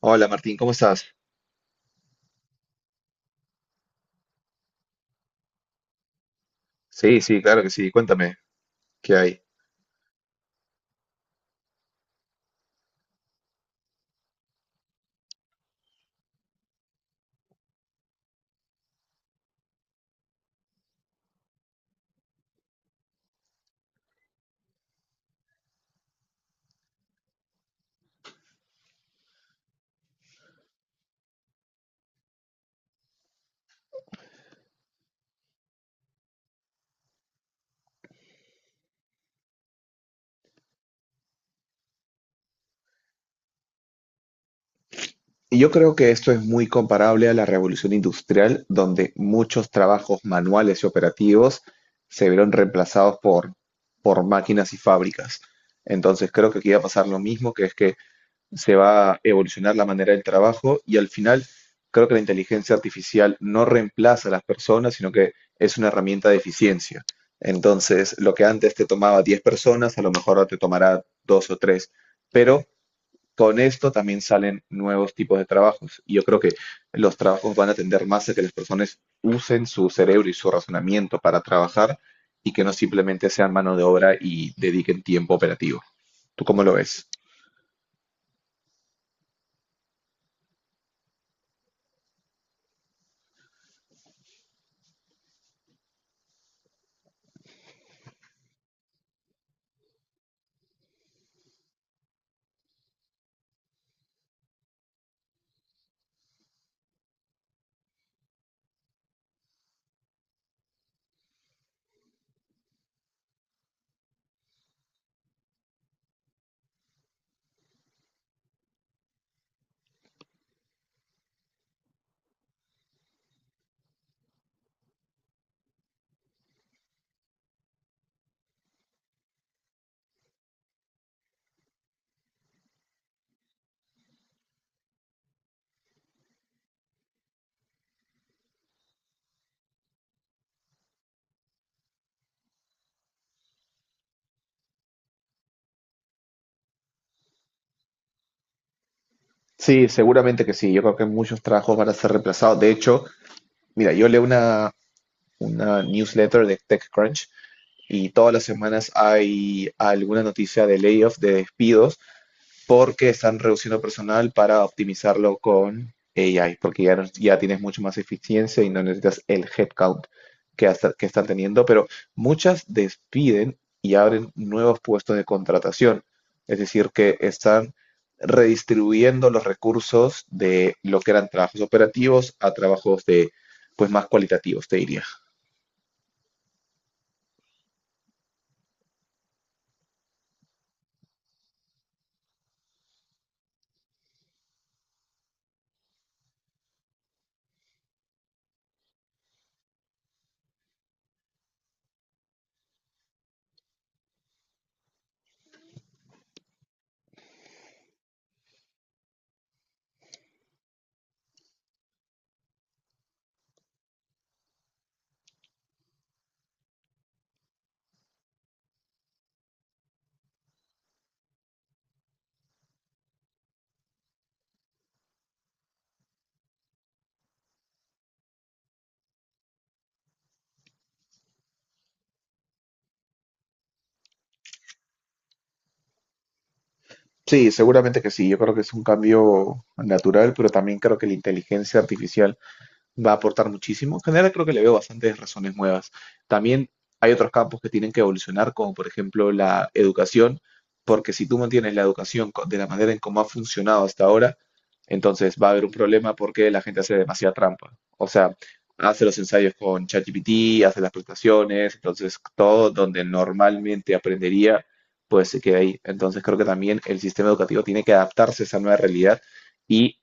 Hola Martín, ¿cómo estás? Sí, sí, claro que sí. Cuéntame, ¿qué hay? Yo creo que esto es muy comparable a la revolución industrial, donde muchos trabajos manuales y operativos se vieron reemplazados por máquinas y fábricas. Entonces creo que aquí va a pasar lo mismo, que es que se va a evolucionar la manera del trabajo y al final creo que la inteligencia artificial no reemplaza a las personas, sino que es una herramienta de eficiencia. Entonces, lo que antes te tomaba 10 personas, a lo mejor ahora te tomará dos o tres, pero con esto también salen nuevos tipos de trabajos. Y yo creo que los trabajos van a tender más a que las personas usen su cerebro y su razonamiento para trabajar y que no simplemente sean mano de obra y dediquen tiempo operativo. ¿Tú cómo lo ves? Sí, seguramente que sí. Yo creo que muchos trabajos van a ser reemplazados. De hecho, mira, yo leo una newsletter de TechCrunch y todas las semanas hay alguna noticia de layoffs, de despidos, porque están reduciendo personal para optimizarlo con AI, porque ya, ya tienes mucho más eficiencia y no necesitas el headcount que están teniendo, pero muchas despiden y abren nuevos puestos de contratación, es decir, que están redistribuyendo los recursos de lo que eran trabajos operativos a trabajos de, pues, más cualitativos, te diría. Sí, seguramente que sí. Yo creo que es un cambio natural, pero también creo que la inteligencia artificial va a aportar muchísimo. En general creo que le veo bastantes razones nuevas. También hay otros campos que tienen que evolucionar, como por ejemplo la educación, porque si tú mantienes la educación de la manera en cómo ha funcionado hasta ahora, entonces va a haber un problema porque la gente hace demasiada trampa. O sea, hace los ensayos con ChatGPT, hace las prestaciones, entonces todo donde normalmente aprendería, pues se queda ahí. Entonces creo que también el sistema educativo tiene que adaptarse a esa nueva realidad y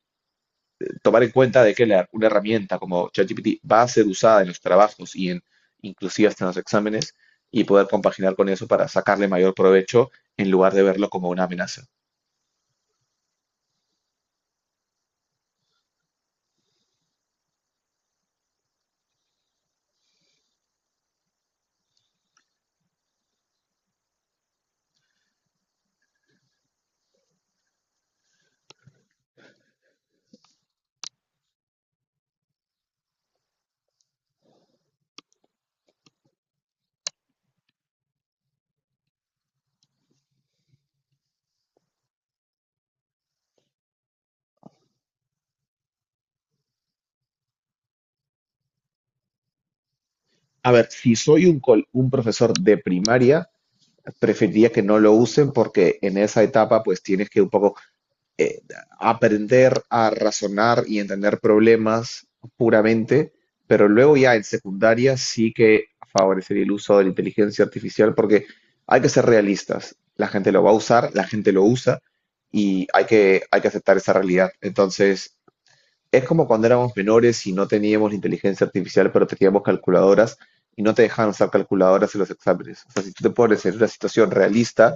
tomar en cuenta de que una herramienta como ChatGPT va a ser usada en los trabajos y en inclusive hasta en los exámenes y poder compaginar con eso para sacarle mayor provecho en lugar de verlo como una amenaza. A ver, si soy un profesor de primaria, preferiría que no lo usen porque en esa etapa pues tienes que un poco eh, aprender a razonar y entender problemas puramente, pero luego ya en secundaria sí que favorecería el uso de la inteligencia artificial porque hay que ser realistas. La gente lo va a usar, la gente lo usa y hay que aceptar esa realidad. Entonces, es como cuando éramos menores y no teníamos la inteligencia artificial, pero teníamos calculadoras y no te dejaban usar calculadoras en los exámenes. O sea, si tú te pones en una situación realista,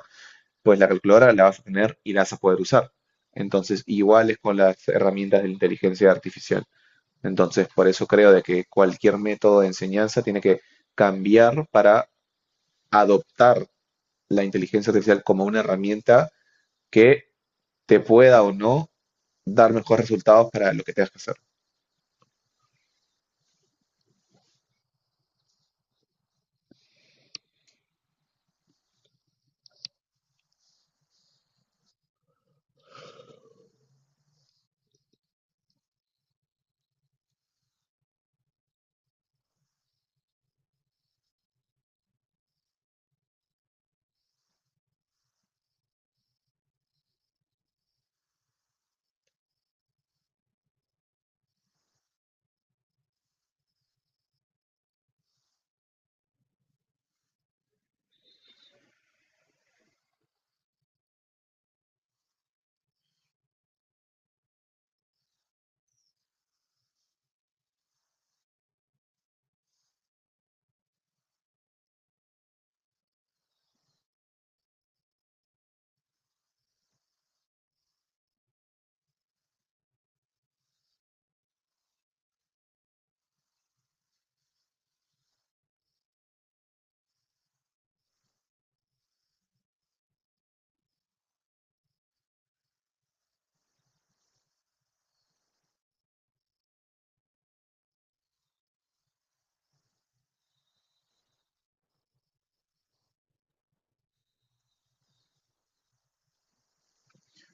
pues la calculadora la vas a tener y la vas a poder usar. Entonces, igual es con las herramientas de la inteligencia artificial. Entonces, por eso creo de que cualquier método de enseñanza tiene que cambiar para adoptar la inteligencia artificial como una herramienta que te pueda o no dar mejores resultados para lo que tengas que hacer.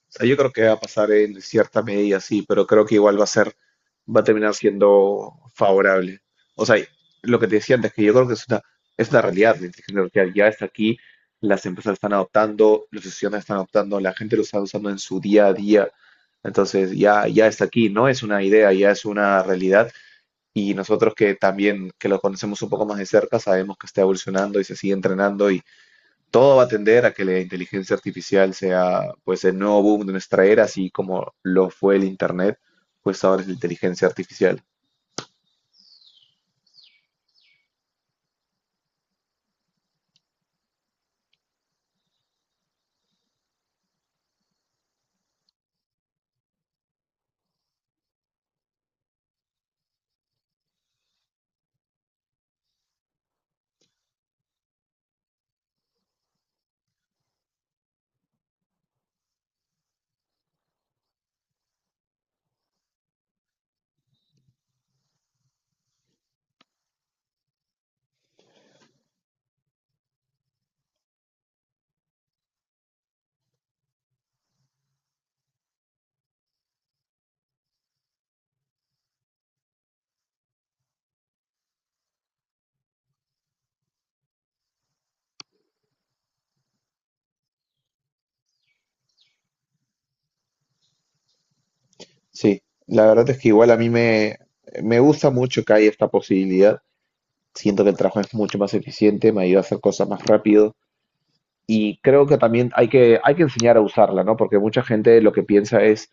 Sea, yo creo que va a pasar en cierta medida, sí, pero creo que igual va a ser, va a terminar siendo favorable. O sea, lo que te decía antes, que yo creo que es es una realidad, la inteligencia artificial ya está aquí, las empresas la están adoptando, los estudiantes la están adoptando, la gente lo está usando en su día a día. Entonces ya está aquí, no es una idea, ya es una realidad. Y nosotros que también que lo conocemos un poco más de cerca sabemos que está evolucionando y se sigue entrenando todo va a tender a que la inteligencia artificial sea pues el nuevo boom de nuestra era, así como lo fue el internet, pues ahora es la inteligencia artificial. Sí, la verdad es que igual a me gusta mucho que haya esta posibilidad. Siento que el trabajo es mucho más eficiente, me ayuda a hacer cosas más rápido. Y creo que también hay que enseñar a usarla, ¿no? Porque mucha gente lo que piensa es,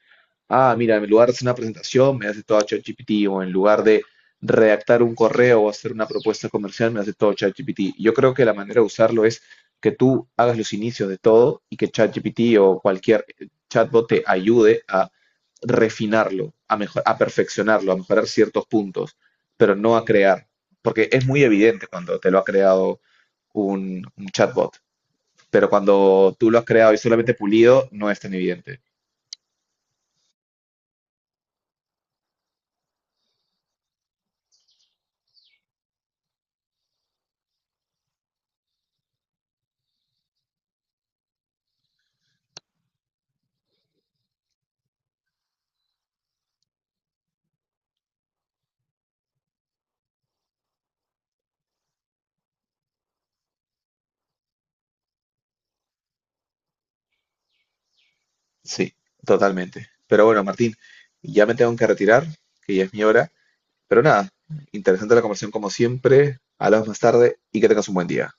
ah, mira, en lugar de hacer una presentación, me hace todo ChatGPT, o en lugar de redactar un correo o hacer una propuesta comercial, me hace todo ChatGPT. Yo creo que la manera de usarlo es que tú hagas los inicios de todo y que ChatGPT o cualquier chatbot te ayude a refinarlo, a mejor, a perfeccionarlo, a mejorar ciertos puntos, pero no a crear, porque es muy evidente cuando te lo ha creado un chatbot, pero cuando tú lo has creado y solamente pulido, no es tan evidente. Sí, totalmente. Pero bueno, Martín, ya me tengo que retirar, que ya es mi hora. Pero nada, interesante la conversación como siempre. Hablamos más tarde y que tengas un buen día.